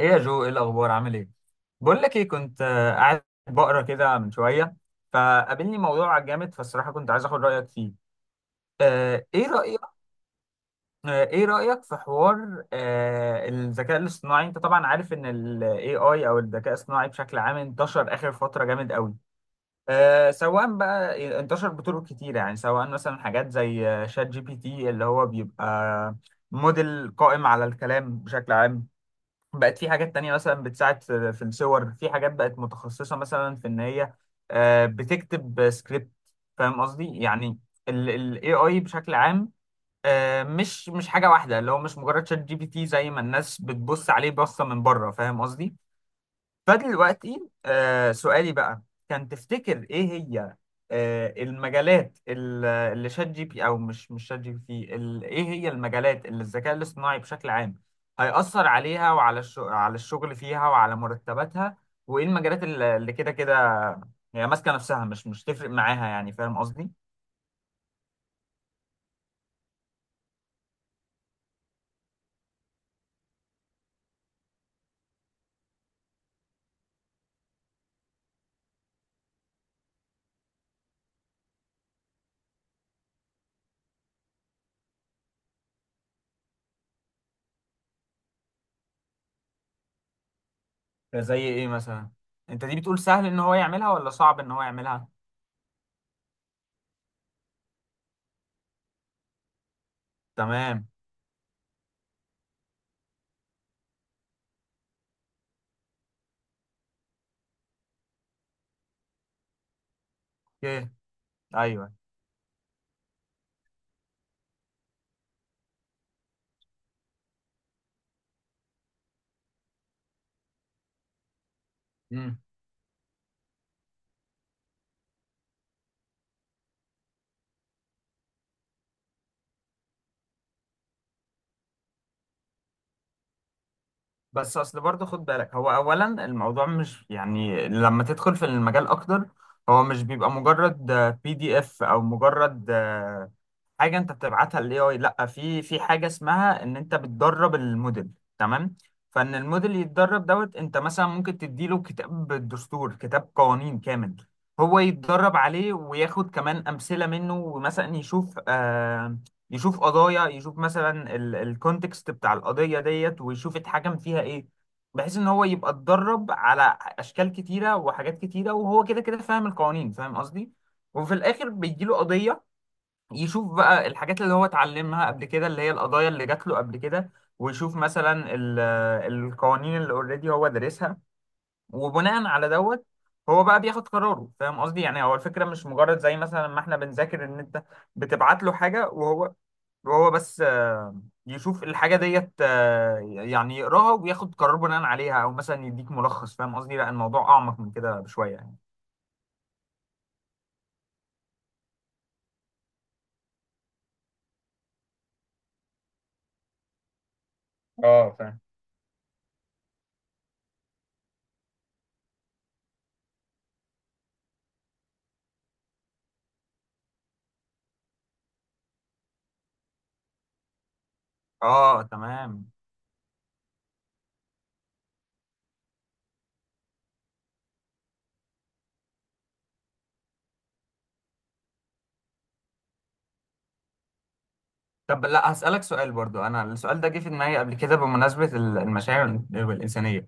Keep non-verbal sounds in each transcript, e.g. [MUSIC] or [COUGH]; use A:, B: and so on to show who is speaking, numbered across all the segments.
A: ايه يا جو، ايه الاخبار؟ عامل ايه؟ بقول لك ايه، كنت قاعد بقرا كده من شويه، فقابلني موضوع جامد، فالصراحه كنت عايز اخد رايك فيه. ايه رايك؟ ايه رايك في حوار الذكاء الاصطناعي؟ انت طبعا عارف ان الاي اي او الذكاء الاصطناعي بشكل عام انتشر اخر فتره جامد قوي. سواء بقى انتشر بطرق كتيره، يعني سواء مثلا حاجات زي شات جي بي تي، اللي هو بيبقى موديل قائم على الكلام بشكل عام. بقت في حاجات تانية مثلا بتساعد في الصور، في حاجات بقت متخصصة مثلا في إن هي بتكتب سكريبت. فاهم قصدي يعني؟ ال AI بشكل عام، مش حاجة واحدة، اللي هو مش مجرد شات جي بي تي زي ما الناس بتبص عليه بصة من بره. فاهم قصدي؟ فدلوقتي سؤالي بقى، كان تفتكر ايه هي المجالات اللي شات جي بي او مش شات جي بي تي ايه هي المجالات اللي الذكاء الاصطناعي بشكل عام هيأثر عليها، وعلى على الشغل فيها وعلى مرتباتها، وايه المجالات اللي كده كده هي ماسكة نفسها، مش تفرق معاها يعني؟ فاهم قصدي؟ زي ايه مثلا؟ انت دي بتقول سهل ان هو يعملها ولا صعب ان هو يعملها؟ تمام. اوكي. ايوه. بس اصل برضه خد بالك، هو اولا الموضوع مش، يعني لما تدخل في المجال اكتر، هو مش بيبقى مجرد بي دي اف او مجرد حاجه انت بتبعتها للاي اي، لا في حاجه اسمها ان انت بتدرب الموديل. تمام؟ فان الموديل يتدرب دوت، انت مثلا ممكن تديله كتاب دستور، كتاب قوانين كامل، هو يتدرب عليه وياخد كمان امثله منه، ومثلا يشوف يشوف قضايا، يشوف مثلا الكونتكست بتاع القضيه ديت ويشوف اتحكم فيها ايه، بحيث ان هو يبقى اتدرب على اشكال كتيره وحاجات كتيره وهو كده كده فاهم القوانين. فاهم قصدي؟ وفي الاخر بيجيله قضيه، يشوف بقى الحاجات اللي هو اتعلمها قبل كده، اللي هي القضايا اللي جات له قبل كده، ويشوف مثلا القوانين اللي اوريدي هو دارسها، وبناء على دوت هو بقى بياخد قراره. فاهم قصدي؟ يعني هو الفكرة مش مجرد زي مثلا ما احنا بنذاكر، ان انت بتبعت له حاجة وهو بس يشوف الحاجة ديت، يعني يقراها وياخد قرار بناء عليها، او مثلا يديك ملخص. فاهم قصدي؟ لا، الموضوع اعمق من كده بشوية يعني. اه فاهم. اه تمام. طب لا هسألك سؤال برضو، أنا السؤال ده جه في دماغي قبل كده بمناسبة المشاعر والإنسانية.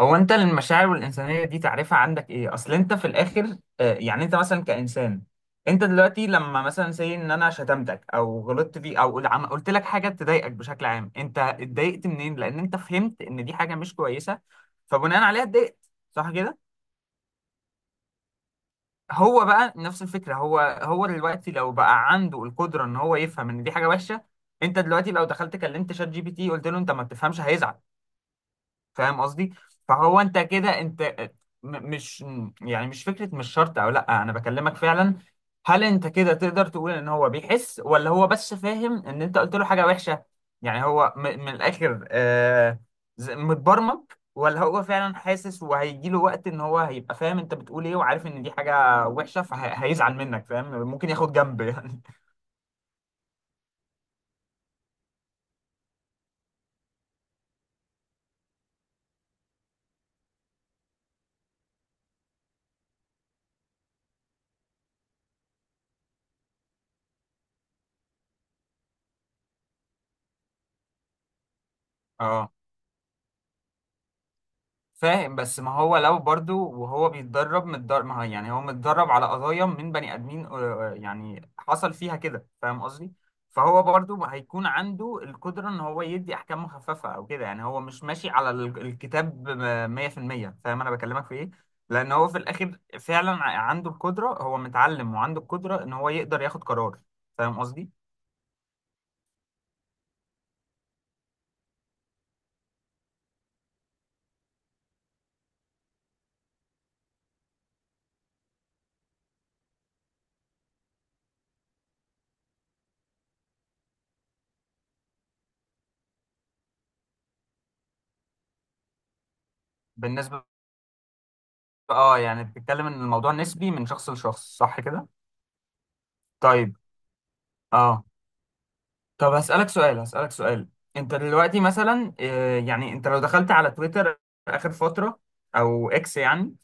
A: هو أنت المشاعر والإنسانية دي تعريفها عندك إيه؟ أصل أنت في الآخر يعني أنت مثلا كإنسان، أنت دلوقتي لما مثلا سي إن أنا شتمتك أو غلطت فيك أو قلت لك حاجة تضايقك بشكل عام، أنت اتضايقت منين؟ لأن أنت فهمت إن دي حاجة مش كويسة، فبناء عليها اتضايقت. صح كده؟ هو بقى نفس الفكره، هو دلوقتي لو بقى عنده القدره ان هو يفهم ان دي حاجه وحشه، انت دلوقتي لو دخلت كلمت شات جي بي تي قلت له انت ما بتفهمش، هيزعل؟ فاهم قصدي؟ فهو انت كده، انت مش، يعني مش فكره، مش شرط، او لا انا بكلمك فعلا. هل انت كده تقدر تقول ان هو بيحس ولا هو بس فاهم ان انت قلت له حاجه وحشه؟ يعني هو من الاخر متبرمج، ولا هو فعلا حاسس وهيجي له وقت ان هو هيبقى فاهم انت بتقول ايه وعارف ان دي حاجه وحشه، فهيزعل منك، فاهم؟ ممكن ياخد جنب يعني. [LAUGHS] اه فاهم. بس ما هو لو برضو وهو بيتدرب متدرب، ما هو يعني هو متدرب على قضايا من بني ادمين، يعني حصل فيها كده. فاهم قصدي؟ فهو برضو هيكون عنده القدرة ان هو يدي احكام مخففة او كده، يعني هو مش ماشي على الكتاب 100%. فاهم انا بكلمك في ايه؟ لان هو في الاخر فعلا عنده القدرة، هو متعلم وعنده القدرة ان هو يقدر ياخد قرار. فاهم قصدي؟ بالنسبة، اه يعني بتتكلم ان الموضوع نسبي من شخص لشخص، صح كده؟ طيب. اه. طب هسألك سؤال، انت دلوقتي مثلا يعني انت لو دخلت على تويتر آخر فترة او اكس يعني،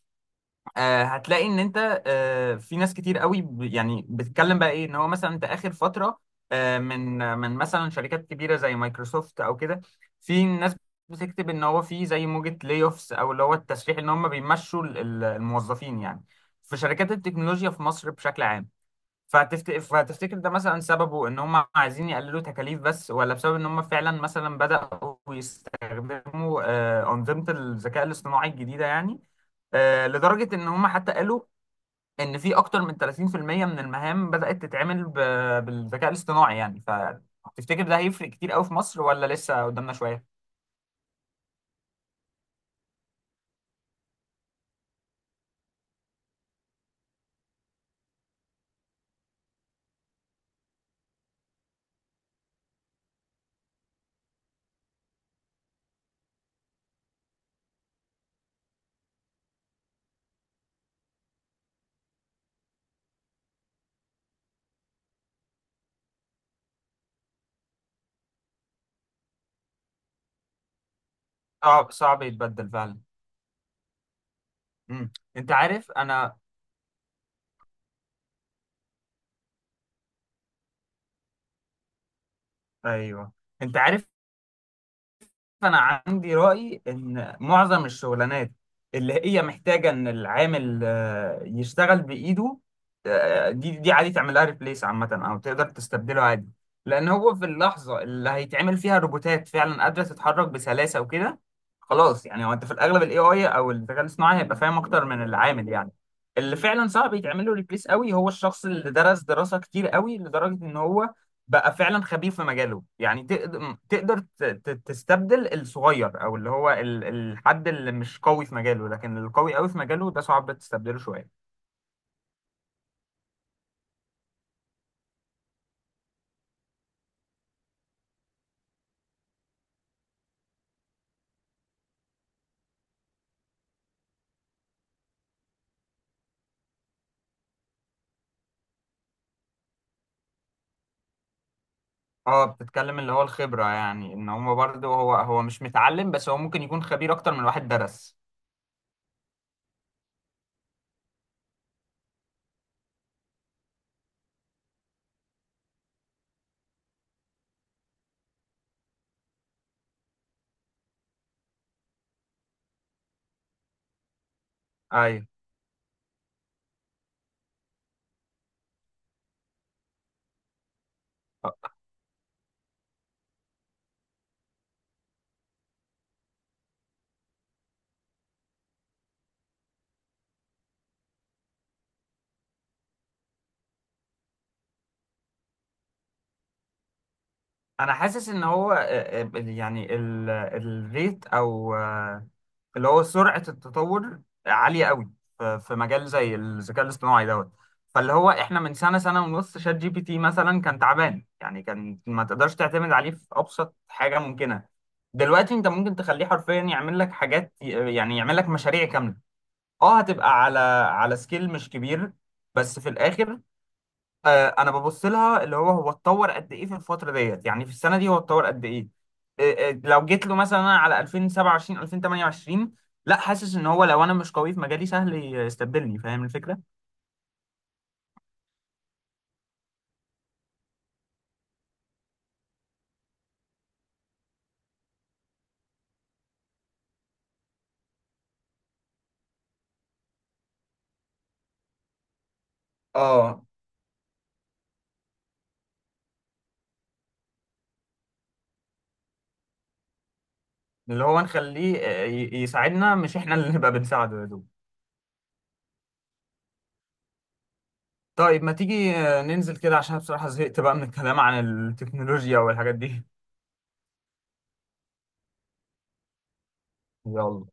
A: هتلاقي ان انت في ناس كتير قوي يعني بتتكلم بقى ايه، ان هو مثلا انت آخر فترة من مثلا شركات كبيرة زي مايكروسوفت او كده، في ناس بتكتب ان هو في زي موجة لاي اوفس، او اللي هو التسريح ان هم بيمشوا الموظفين يعني، في شركات التكنولوجيا في مصر بشكل عام. فهتفتكر ده مثلا سببه ان هم عايزين يقللوا تكاليف بس، ولا بسبب ان هم فعلا مثلا بدأوا يستخدموا أنظمة الذكاء الاصطناعي الجديدة يعني؟ لدرجة ان هم حتى قالوا ان في اكتر من 30% من المهام بدأت تتعمل بالذكاء الاصطناعي يعني. فتفتكر ده هيفرق كتير قوي في مصر ولا لسه قدامنا شوية؟ صعب صعب يتبدل فعلا. انت عارف انا. ايوه. انت عارف، فانا عندي راي ان معظم الشغلانات اللي هي محتاجه ان العامل يشتغل بايده، دي عادي تعملها ريبليس عامه، او تقدر تستبدله عادي، لان هو في اللحظه اللي هيتعمل فيها روبوتات فعلا قادره تتحرك بسلاسه وكده، خلاص يعني هو انت في الاغلب الاي اي او الذكاء الاصطناعي هيبقى فاهم اكتر من العامل يعني. اللي فعلا صعب يتعمل له ريبليس قوي هو الشخص اللي درس دراسه كتير قوي لدرجه ان هو بقى فعلا خبير في مجاله يعني. تقدر تستبدل الصغير، او اللي هو الحد اللي مش قوي في مجاله، لكن القوي قوي في مجاله ده صعب تستبدله شويه. اه، بتتكلم اللي هو الخبره، يعني ان هو برضه هو مش متعلم بس هو ممكن يكون خبير اكتر من واحد درس. ايوه. انا حاسس ان هو يعني الريت او اللي هو سرعة التطور عالية قوي في مجال زي الذكاء الاصطناعي دوت. فاللي هو احنا من سنة سنة ونص شات جي بي تي مثلا كان تعبان يعني، كان ما تقدرش تعتمد عليه في أبسط حاجة ممكنة، دلوقتي انت ممكن تخليه حرفيا يعمل لك حاجات، يعني يعمل لك مشاريع كاملة. اه هتبقى على سكيل مش كبير، بس في الآخر انا ببص لها اللي هو اتطور قد ايه في الفتره ديت، يعني في السنه دي هو اتطور قد ايه. لو جيت له مثلا أنا على 2027 2028، لا حاسس ان هو لو انا مش قوي في مجالي سهل يستبدلني. فاهم الفكره؟ اه. اللي هو نخليه يساعدنا مش احنا اللي نبقى بنساعده يا دوب. طيب ما تيجي ننزل كده عشان بصراحه زهقت بقى من الكلام عن التكنولوجيا والحاجات دي. يلا.